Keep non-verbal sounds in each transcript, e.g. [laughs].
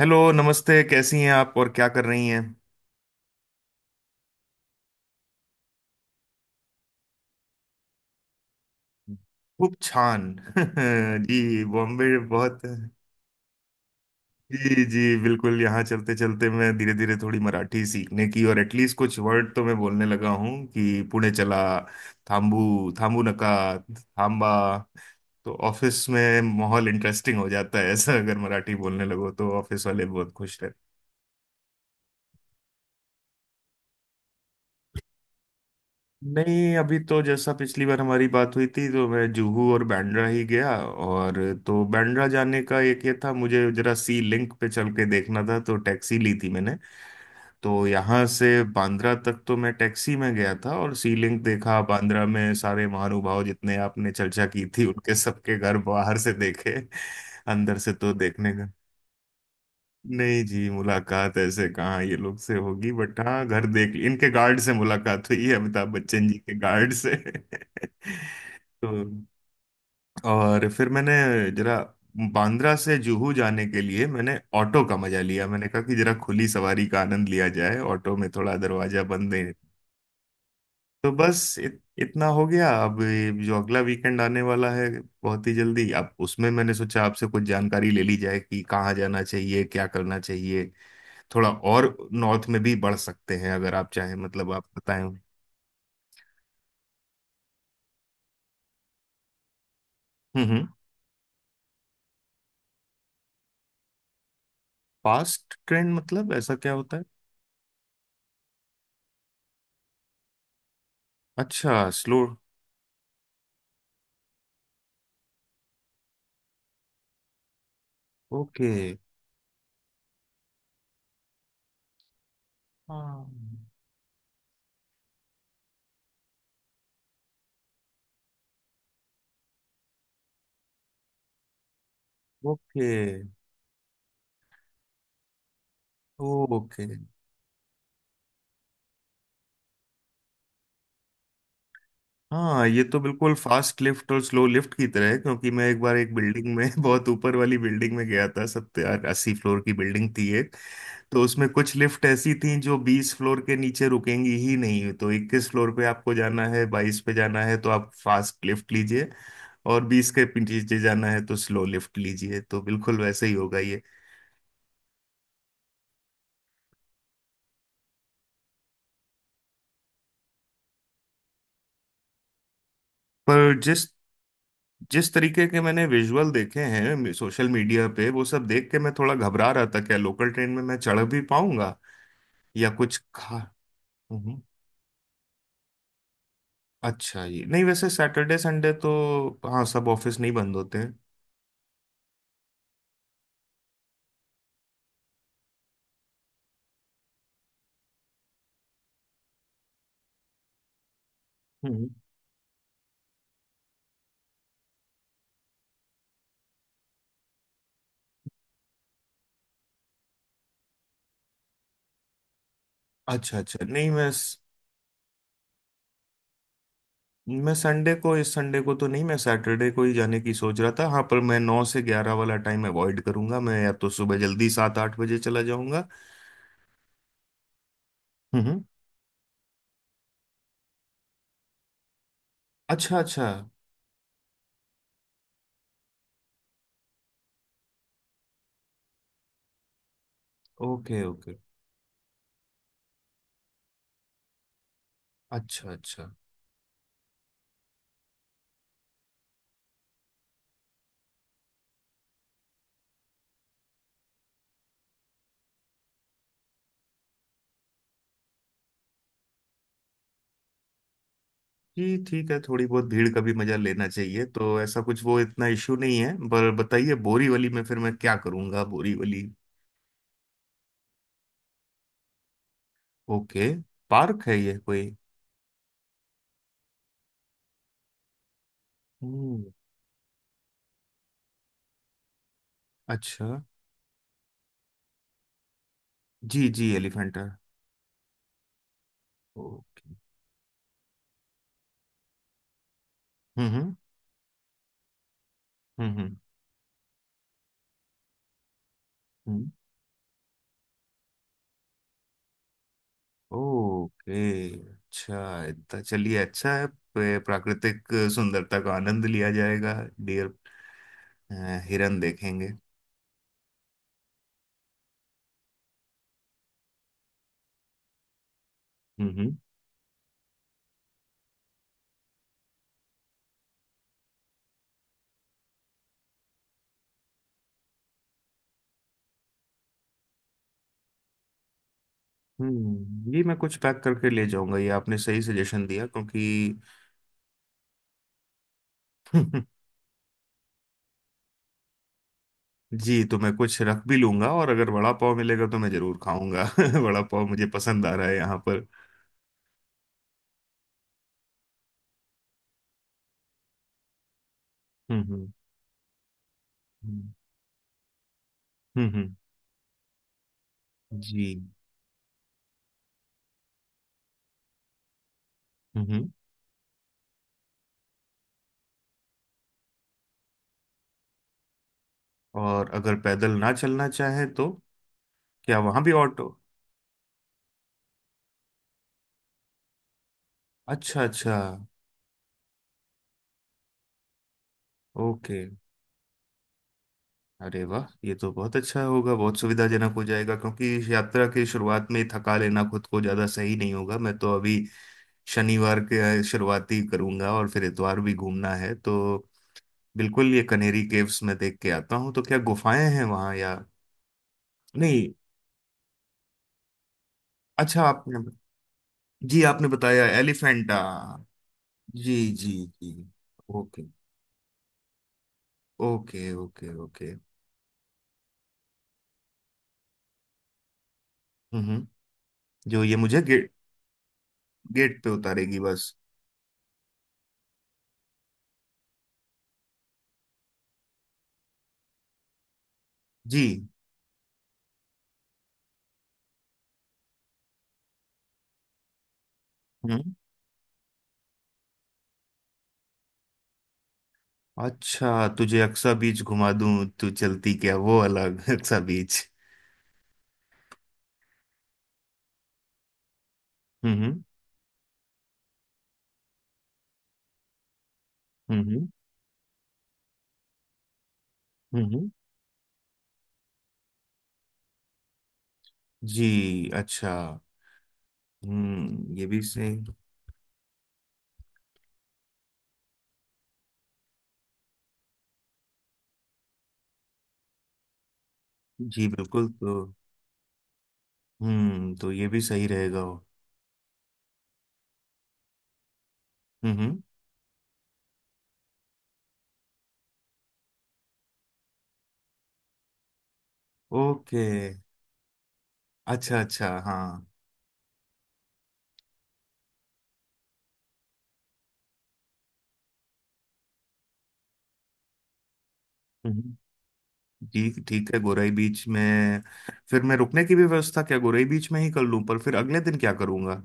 Hello नमस्ते, कैसी हैं आप और क्या कर रही हैं। खूब छान। [laughs] जी बॉम्बे बहुत। जी जी बिल्कुल, यहाँ चलते चलते मैं धीरे धीरे थोड़ी मराठी सीखने की और एटलीस्ट कुछ वर्ड तो मैं बोलने लगा हूँ कि पुणे चला। थाम्बू थाम्बू नका। थाम्बा। तो ऑफिस में माहौल इंटरेस्टिंग हो जाता है ऐसा, अगर मराठी बोलने लगो तो ऑफिस वाले बहुत खुश। नहीं, अभी तो जैसा पिछली बार हमारी बात हुई थी तो मैं जुहू और बैंड्रा ही गया, और तो बैंड्रा जाने का एक ये था मुझे जरा सी लिंक पे चल के देखना था, तो टैक्सी ली थी मैंने। तो यहाँ से बांद्रा तक तो मैं टैक्सी में गया था और सी लिंक देखा, बांद्रा में सारे महानुभाव जितने आपने चर्चा की थी उनके सबके घर बाहर से देखे। अंदर से तो देखने। नहीं जी, मुलाकात ऐसे कहाँ ये लोग से होगी, बट हाँ घर देख ली, इनके गार्ड से मुलाकात हुई है, अमिताभ बच्चन जी के गार्ड से [laughs] तो। और फिर मैंने जरा बांद्रा से जुहू जाने के लिए मैंने ऑटो का मजा लिया, मैंने कहा कि जरा खुली सवारी का आनंद लिया जाए, ऑटो में थोड़ा दरवाजा बंद है। तो बस इतना हो गया। अब ये जो अगला वीकेंड आने वाला है बहुत ही जल्दी, अब उसमें मैंने सोचा आपसे कुछ जानकारी ले ली जाए कि कहाँ जाना चाहिए क्या करना चाहिए। थोड़ा और नॉर्थ में भी बढ़ सकते हैं अगर आप चाहें, मतलब आप बताएं। हम्म। फास्ट ट्रेंड मतलब ऐसा क्या होता है? अच्छा, स्लो। ओके। हाँ। Okay okay. हाँ, ये तो बिल्कुल फास्ट लिफ्ट और स्लो लिफ्ट की तरह है। क्योंकि मैं एक बार एक बिल्डिंग में [laughs] बहुत ऊपर वाली बिल्डिंग में गया था, 70-80 फ्लोर की बिल्डिंग थी एक। तो उसमें कुछ लिफ्ट ऐसी थी जो 20 फ्लोर के नीचे रुकेंगी ही नहीं, तो 21 फ्लोर पे आपको जाना है, 22 पे जाना है तो आप फास्ट लिफ्ट लीजिए, और 20 के नीचे जाना है तो स्लो लिफ्ट लीजिए, तो बिल्कुल वैसे ही होगा ये। पर जिस जिस तरीके के मैंने विजुअल देखे हैं सोशल मीडिया पे, वो सब देख के मैं थोड़ा घबरा रहा था, क्या लोकल ट्रेन में मैं चढ़ भी पाऊंगा या कुछ खा। हम्म, अच्छा ये नहीं, वैसे सैटरडे संडे तो। हाँ, सब ऑफिस नहीं बंद होते हैं। हम्म। अच्छा अच्छा, नहीं मैं संडे को, इस संडे को तो नहीं, मैं सैटरडे को ही जाने की सोच रहा था। हाँ, पर मैं 9 से 11 वाला टाइम अवॉइड करूंगा, मैं या तो सुबह जल्दी 7-8 बजे चला जाऊंगा। हम्म। अच्छा अच्छा। Okay okay. अच्छा अच्छा। जी ठीक है, थोड़ी बहुत भीड़ का भी मजा लेना चाहिए, तो ऐसा कुछ वो इतना इश्यू नहीं है। पर बताइए, बोरीवली में फिर मैं क्या करूंगा बोरीवली? ओके। पार्क है ये कोई? हम्म। अच्छा। जी जी, एलिफेंटा। ओके। हम्म। हम्म। हम्म। ओके। अच्छा, इतना चलिए अच्छा है, प्राकृतिक सुंदरता का आनंद लिया जाएगा। डियर। अ, हिरन देखेंगे। हम्म। ये मैं कुछ पैक करके ले जाऊंगा, ये आपने सही सजेशन दिया क्योंकि। [laughs] जी तो मैं कुछ रख भी लूंगा, और अगर वड़ा पाव मिलेगा तो मैं जरूर खाऊंगा [laughs] वड़ा पाव मुझे पसंद आ रहा है यहाँ पर। हम्म। हम्म हम्म। हम्म। जी। हम्म। और अगर पैदल ना चलना चाहे तो क्या वहां भी ऑटो? अच्छा अच्छा। ओके। अरे वाह, ये तो बहुत अच्छा होगा, बहुत सुविधाजनक हो जाएगा। क्योंकि इस यात्रा की शुरुआत में ही थका लेना खुद को ज्यादा सही नहीं होगा, मैं तो अभी शनिवार के शुरुआती करूंगा और फिर इतवार भी घूमना है तो। बिल्कुल, ये कनेरी केव्स में देख के आता हूँ, तो क्या गुफाएं हैं वहां या? नहीं, अच्छा आपने, जी आपने बताया एलिफेंटा। जी। जी। जी ओके ओके ओके। ओके। हम्म हम्म। जो ये मुझे गेट गेट पे उतारेगी बस? जी। हम्म। अच्छा, तुझे अक्सा बीच घुमा दूं, तू चलती क्या वो अलग [laughs] अक्सा बीच। हम्म। हम्म। हम्म। जी, अच्छा। हम्म, ये भी सही। जी बिल्कुल तो। हम्म, तो ये भी सही रहेगा वो। हम्म हम्म। ओके। अच्छा अच्छा, हाँ। हम्म। जी ठीक है, गोराई बीच में फिर मैं रुकने की भी व्यवस्था क्या गोराई बीच में ही कर लूं, पर फिर अगले दिन क्या करूंगा?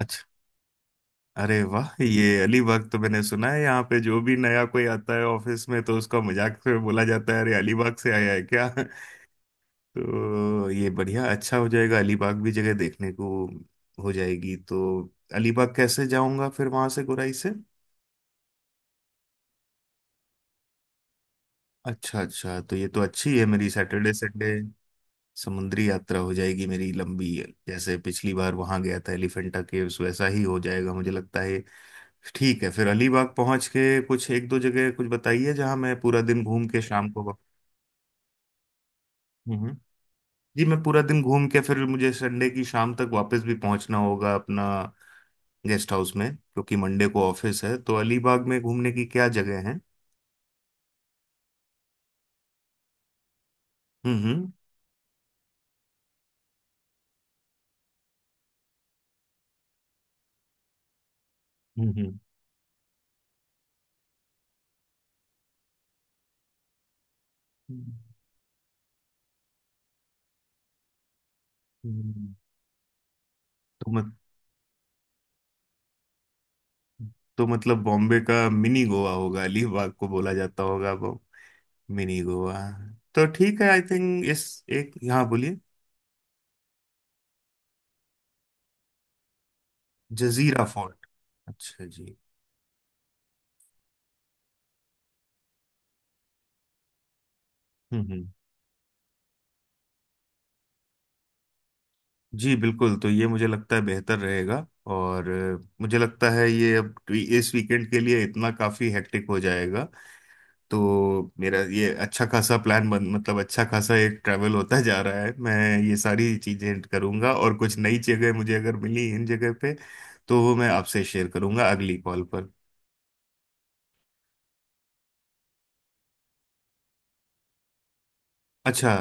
अच्छा। अरे वाह, ये अलीबाग, तो मैंने सुना है यहाँ पे जो भी नया कोई आता है ऑफिस में तो उसका मजाक में बोला जाता है, अरे अलीबाग से आया है क्या [laughs] तो ये बढ़िया, अच्छा हो जाएगा, अलीबाग भी जगह देखने को हो जाएगी तो। अलीबाग कैसे जाऊंगा फिर वहां से, गुराई से? अच्छा अच्छा, तो ये तो अच्छी है मेरी, सैटरडे संडे समुद्री यात्रा हो जाएगी मेरी लंबी, जैसे पिछली बार वहां गया था एलिफेंटा केव्स, वैसा ही हो जाएगा मुझे लगता है। ठीक है, फिर अलीबाग पहुंच के कुछ एक दो जगह कुछ बताइए जहां मैं पूरा दिन घूम के शाम को। हम्म। जी मैं पूरा दिन घूम के फिर मुझे संडे की शाम तक वापस भी पहुंचना होगा अपना गेस्ट हाउस में, क्योंकि मंडे को ऑफिस है। तो अलीबाग में घूमने की क्या जगह है? हम्म हम्म। हम्म हम्म। तो मत तो मतलब बॉम्बे का मिनी गोवा होगा, अलीबाग को बोला जाता होगा वो, मिनी गोवा। तो ठीक है, आई थिंक इस एक यहाँ बोलिए। जजीरा फोर्ट? अच्छा जी। हम्म। जी बिल्कुल, तो ये मुझे लगता है बेहतर रहेगा। और मुझे लगता है ये अब इस वीकेंड के लिए इतना काफी हेक्टिक हो जाएगा तो। मेरा ये अच्छा खासा प्लान बन, मतलब अच्छा खासा एक ट्रैवल होता जा रहा है। मैं ये सारी चीजें करूंगा, और कुछ नई जगह मुझे अगर मिली इन जगह पे तो वो मैं आपसे शेयर करूंगा अगली कॉल पर। अच्छा।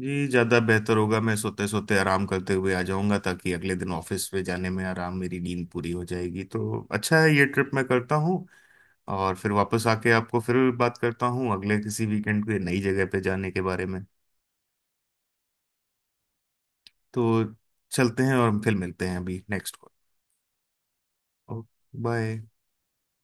जी, ज़्यादा बेहतर होगा मैं सोते सोते आराम करते हुए आ जाऊंगा, ताकि अगले दिन ऑफिस पे जाने में आराम, मेरी नींद पूरी हो जाएगी, तो अच्छा है, ये ट्रिप मैं करता हूँ। और फिर वापस आके आपको फिर बात करता हूँ अगले किसी वीकेंड पे नई जगह पे जाने के बारे में। तो चलते हैं और फिर मिलते हैं अभी नेक्स्ट कॉल। बाय।